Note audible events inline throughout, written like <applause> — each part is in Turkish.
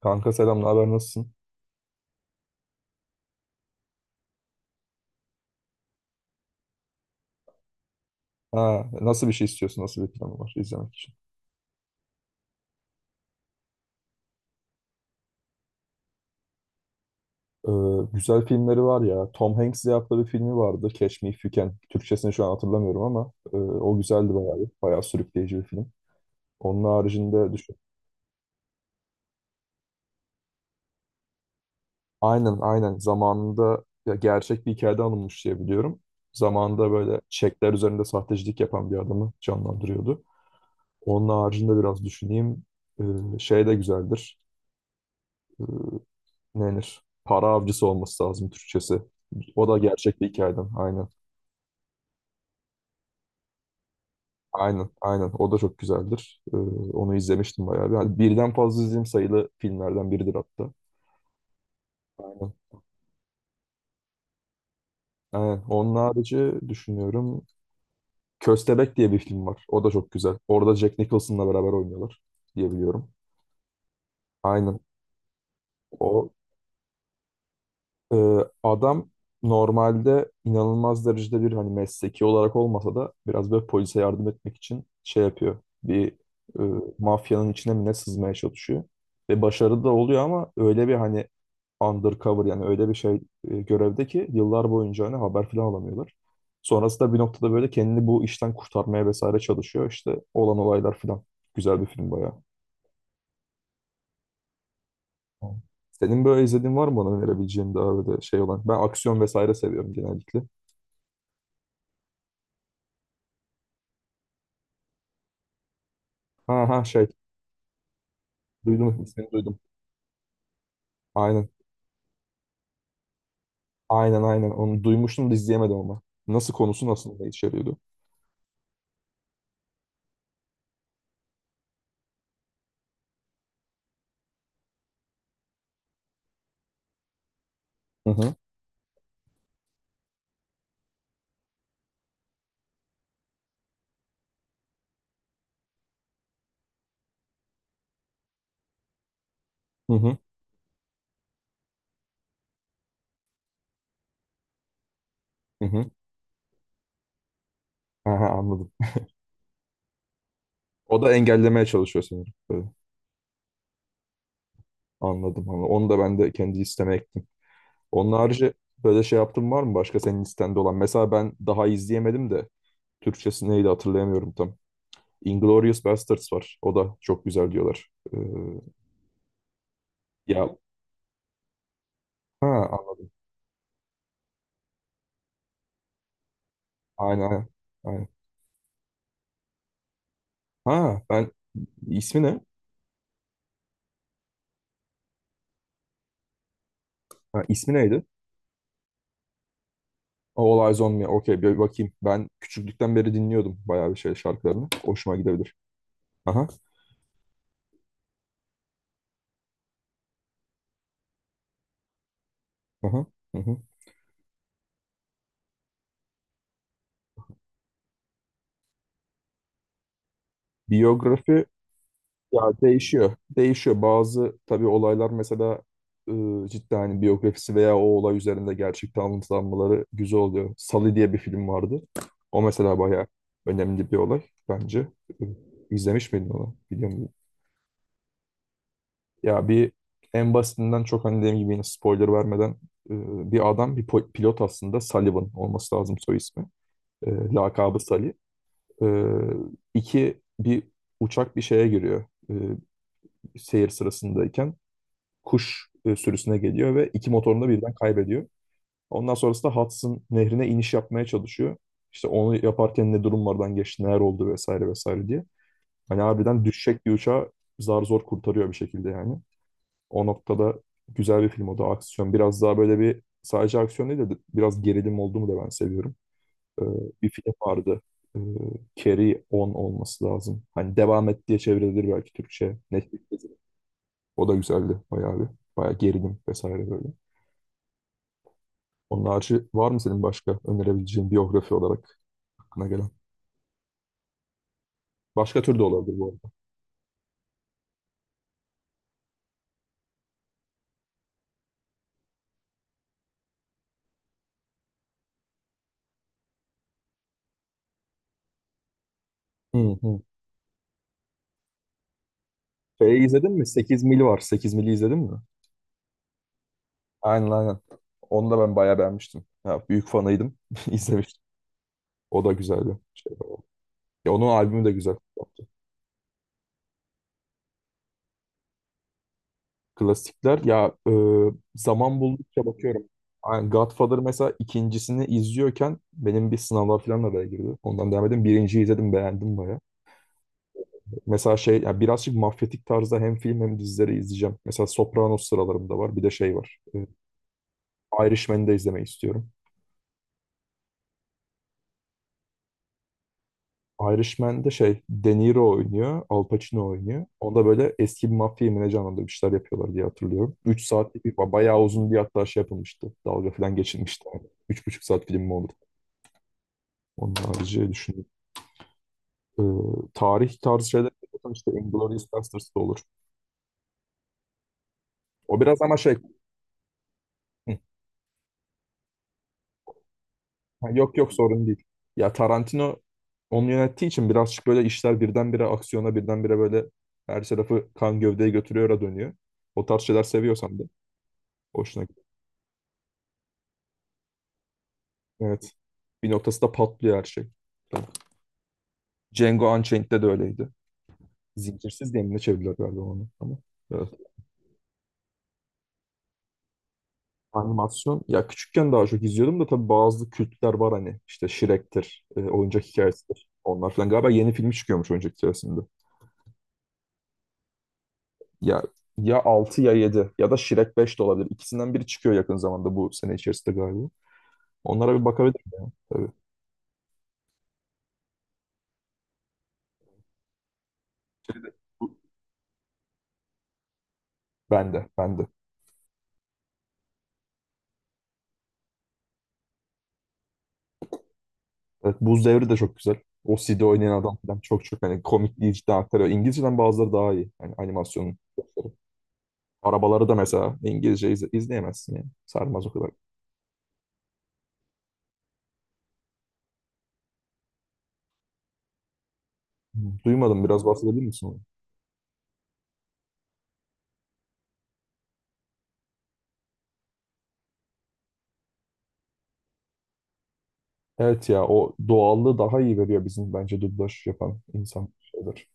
Kanka selam, ne haber, nasılsın? Ha, nasıl bir şey istiyorsun, nasıl bir planı var izlemek için? Ee, Güzel filmleri var ya. Tom Hanks'le yaptığı bir filmi vardı. Catch Me If You Can. Türkçesini şu an hatırlamıyorum ama o güzeldi bayağı. Bayağı sürükleyici bir film. Onun haricinde düşün. Aynen, aynen, zamanında ya gerçek bir hikayede alınmış diye biliyorum. Zamanında böyle çekler üzerinde sahtecilik yapan bir adamı canlandırıyordu. Onun haricinde biraz düşüneyim. Şey de güzeldir. Ee, Ne denir? Para avcısı olması lazım Türkçesi. O da gerçek bir hikayeden. Aynen. Aynen. Aynen. O da çok güzeldir. Onu izlemiştim bayağı bir. Hani birden fazla izlediğim sayılı filmlerden biridir hatta. Aynen. Aynen. Onun harici düşünüyorum. Köstebek diye bir film var. O da çok güzel. Orada Jack Nicholson'la beraber oynuyorlar diye biliyorum. Aynen. O Adam normalde inanılmaz derecede bir hani mesleki olarak olmasa da biraz böyle polise yardım etmek için şey yapıyor. Bir e, mafyanın içine mi ne sızmaya çalışıyor. Ve başarılı da oluyor ama öyle bir hani undercover yani öyle bir şey görevde ki yıllar boyunca hani haber falan alamıyorlar. Sonrasında bir noktada böyle kendini bu işten kurtarmaya vesaire çalışıyor. İşte olan olaylar falan. Güzel bir film bayağı. Tamam. Senin böyle izlediğin var mı bana önerebileceğin daha böyle şey olan? Ben aksiyon vesaire seviyorum genellikle. Ha ha, şey, duydum. Aynen, aynen, onu duymuştum da izleyemedim ama. Nasıl konusu nasıl ne içeriyordu? Hı hı, hı hı, hı, hı. Ha ha, anladım. O da engellemeye çalışıyor sanırım. Böyle. Anladım, anladım. Onu da ben de kendi listeme ektim. Onun harici böyle şey yaptığın var mı başka senin listende olan? Mesela ben daha izleyemedim de Türkçesi neydi hatırlayamıyorum tam. Inglourious Basterds var. O da çok güzel diyorlar. Ee, ya Ha, Allah- aynen, aynen, aynen. Ha, ben ismi ne? Ha, ismi neydi? Ha, All Eyes on Me. Okey, bir bakayım. Ben küçüklükten beri dinliyordum bayağı bir şey şarkılarını. Hoşuma gidebilir. Aha, aha, hı hı. Biyografi ya değişiyor. Değişiyor. Bazı tabii olaylar mesela cidden hani biyografisi veya o olay üzerinde gerçekten anlatılanmaları güzel oluyor. Sully diye bir film vardı. O mesela bayağı önemli bir olay bence. Iı, İzlemiş miydin onu? Biliyor muydun? Ya en basitinden çok hani dediğim gibi yine spoiler vermeden, bir adam bir pilot aslında Sullivan olması lazım soy ismi. E, lakabı Sully. E, iki Bir uçak bir şeye giriyor e, seyir sırasındayken. Kuş sürüsüne geliyor ve iki motorunu da birden kaybediyor. Ondan sonrasında Hudson nehrine iniş yapmaya çalışıyor. İşte onu yaparken ne durumlardan geçti, neler oldu vesaire vesaire diye. Hani harbiden düşecek bir uçağı zar zor kurtarıyor bir şekilde yani. O noktada güzel bir film o da, aksiyon. Biraz daha böyle bir sadece aksiyon değil de biraz gerilim olduğumu da ben seviyorum. Ee, Bir film vardı. Ee, Carry On olması lazım. Hani devam et diye çevrilir belki Türkçe. Netflix'te. O da güzeldi bayağı bir. Bayağı gerilim vesaire böyle. Onun harici var mı senin başka önerebileceğin biyografi olarak aklına gelen? Başka tür de olabilir bu arada. Hı hı. Şeyi izledin mi? Sekiz mil var. 8 mili izledin mi? Aynen, aynen. Onu da ben bayağı beğenmiştim. Ya, büyük fanıydım. <laughs> İzlemiştim. O da güzel bir şey. Ya onun albümü de güzel yaptı. Klasikler ya, zaman buldukça bakıyorum. Yani Godfather mesela ikincisini izliyorken benim bir sınavlar falan da böyle girdi. Ondan devam edeyim. Birinciyi izledim, beğendim baya. Mesela şey, ya birazcık mafyatik tarzda hem film hem dizileri izleyeceğim. Mesela Sopranos sıralarımda var. Bir de şey var. Irishman'i de izlemeyi istiyorum. Irishman'de şey De Niro oynuyor, Al Pacino oynuyor. Onda böyle eski bir mafya yemeğine canlandırıp işler yapıyorlar diye hatırlıyorum. 3 saatlik bir bayağı uzun bir hatta şey yapılmıştı. Dalga falan geçilmişti. Yani, üç buçuk saat film mi olur? Onun harici düşünün. Ee, Tarih tarzı şeyler zaten işte Inglourious Basterds da olur. O biraz ama şey. hı, ha, Yok yok, sorun değil. Ya Tarantino onu yönettiği için birazcık böyle işler birdenbire aksiyona, birdenbire böyle her tarafı kan gövdeye götürüyor, dönüyor. O tarz şeyler seviyorsan da hoşuna gidiyor. Evet. Bir noktasında patlıyor her şey. Django Unchained'de de öyleydi. Zincirsiz diye mi ne çevirdiler galiba onu ama. Evet. Animasyon. Ya küçükken daha çok izliyordum da tabii bazı kültler var hani. İşte Shrek'tir, oyuncak hikayesidir. Onlar falan. Galiba yeni film çıkıyormuş oyuncak hikayesinde. Ya, ya 6 ya 7 ya da Shrek 5 de olabilir. İkisinden biri çıkıyor yakın zamanda bu sene içerisinde galiba. Onlara bir bakabilirim tabii. Ben de, ben de. Evet, Buz Devri de çok güzel. O CD oynayan adam falan çok, çok hani komikliği cidden aktarıyor. İngilizceden bazıları daha iyi. Yani animasyonun. Arabaları da mesela İngilizce izleyemezsin yani. Sarmaz o kadar. Duymadım, biraz bahsedebilir misin onu? Evet ya o doğallığı daha iyi veriyor bizim bence dublaj yapan insan şeyler.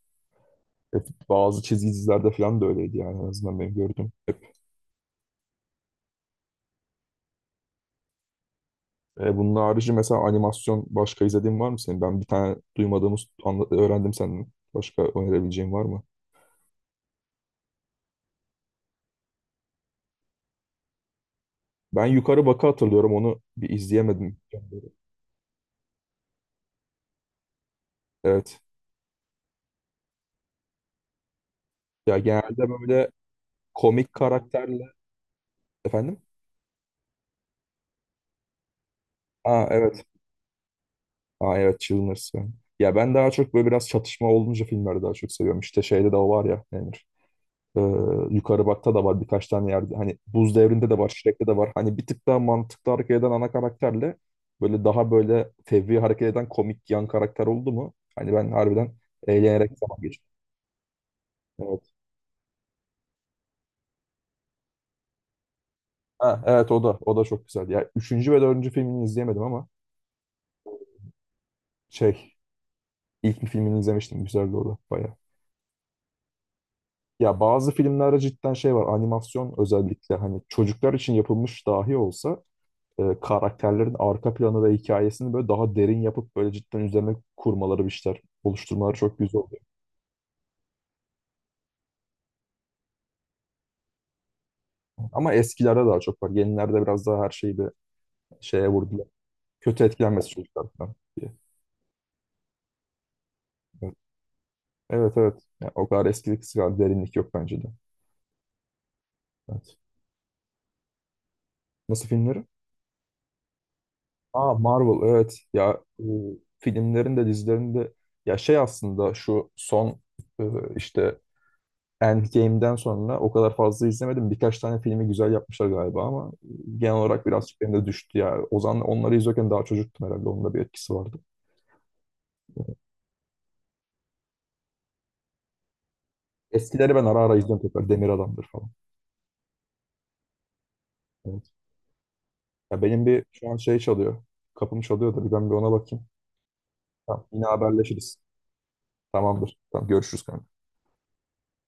Hep bazı çizgi dizilerde falan da öyleydi yani, en azından ben gördüm. Hep. Bunun harici mesela animasyon başka izlediğin var mı senin? Ben bir tane duymadığımız öğrendim senden. Başka önerebileceğin var mı? Ben Yukarı Bak'ı hatırlıyorum. Onu bir izleyemedim. Evet. Ya genelde böyle komik karakterle, efendim. Aa evet. Aa evet, Chilmers, yani. Ya ben daha çok böyle biraz çatışma olunca filmleri daha çok seviyorum. İşte şeyde de o var ya, Emir. Ee, Yukarı Bak'ta da var birkaç tane yerde. Hani Buz Devri'nde de var, Shrek'te de var. Hani bir tık daha mantıklı hareket eden ana karakterle böyle daha böyle fevri hareket eden komik yan karakter oldu mu, hani ben harbiden eğlenerek zaman geçiriyorum. Ha, evet, o da, o da çok güzeldi. Ya üçüncü ve dördüncü filmini izleyemedim ama şey, ilk bir filmini izlemiştim. Güzeldi o da bayağı. Ya bazı filmlerde cidden şey var. Animasyon özellikle hani çocuklar için yapılmış dahi olsa karakterlerin arka planı ve hikayesini böyle daha derin yapıp böyle cidden üzerine kurmaları, bir şeyler oluşturmaları çok güzel oluyor. Ama eskilerde daha çok var. Yenilerde biraz daha her şeyi bir şeye vurdular. Kötü etkilenmesi çocuklar falan diye. Evet, evet, evet. Ya, o kadar eskilik kadar derinlik yok bence de. Evet. Nasıl filmleri? Aa Marvel, evet ya bu filmlerin de dizilerin de, ya şey, aslında şu son e, işte Endgame'den sonra o kadar fazla izlemedim. Birkaç tane filmi güzel yapmışlar galiba ama genel olarak birazcık benim de düştü ya. O zaman onları izlerken daha çocuktum herhalde. Onun da bir etkisi vardı. Eskileri ben ara ara izliyorum tekrar. Demir Adam'dır falan. Evet. Ya benim bir şu an şey çalıyor. Kapım çalıyor da bir ben bir ona bakayım. Tamam, yine haberleşiriz. Tamamdır. Tamam, görüşürüz kanka.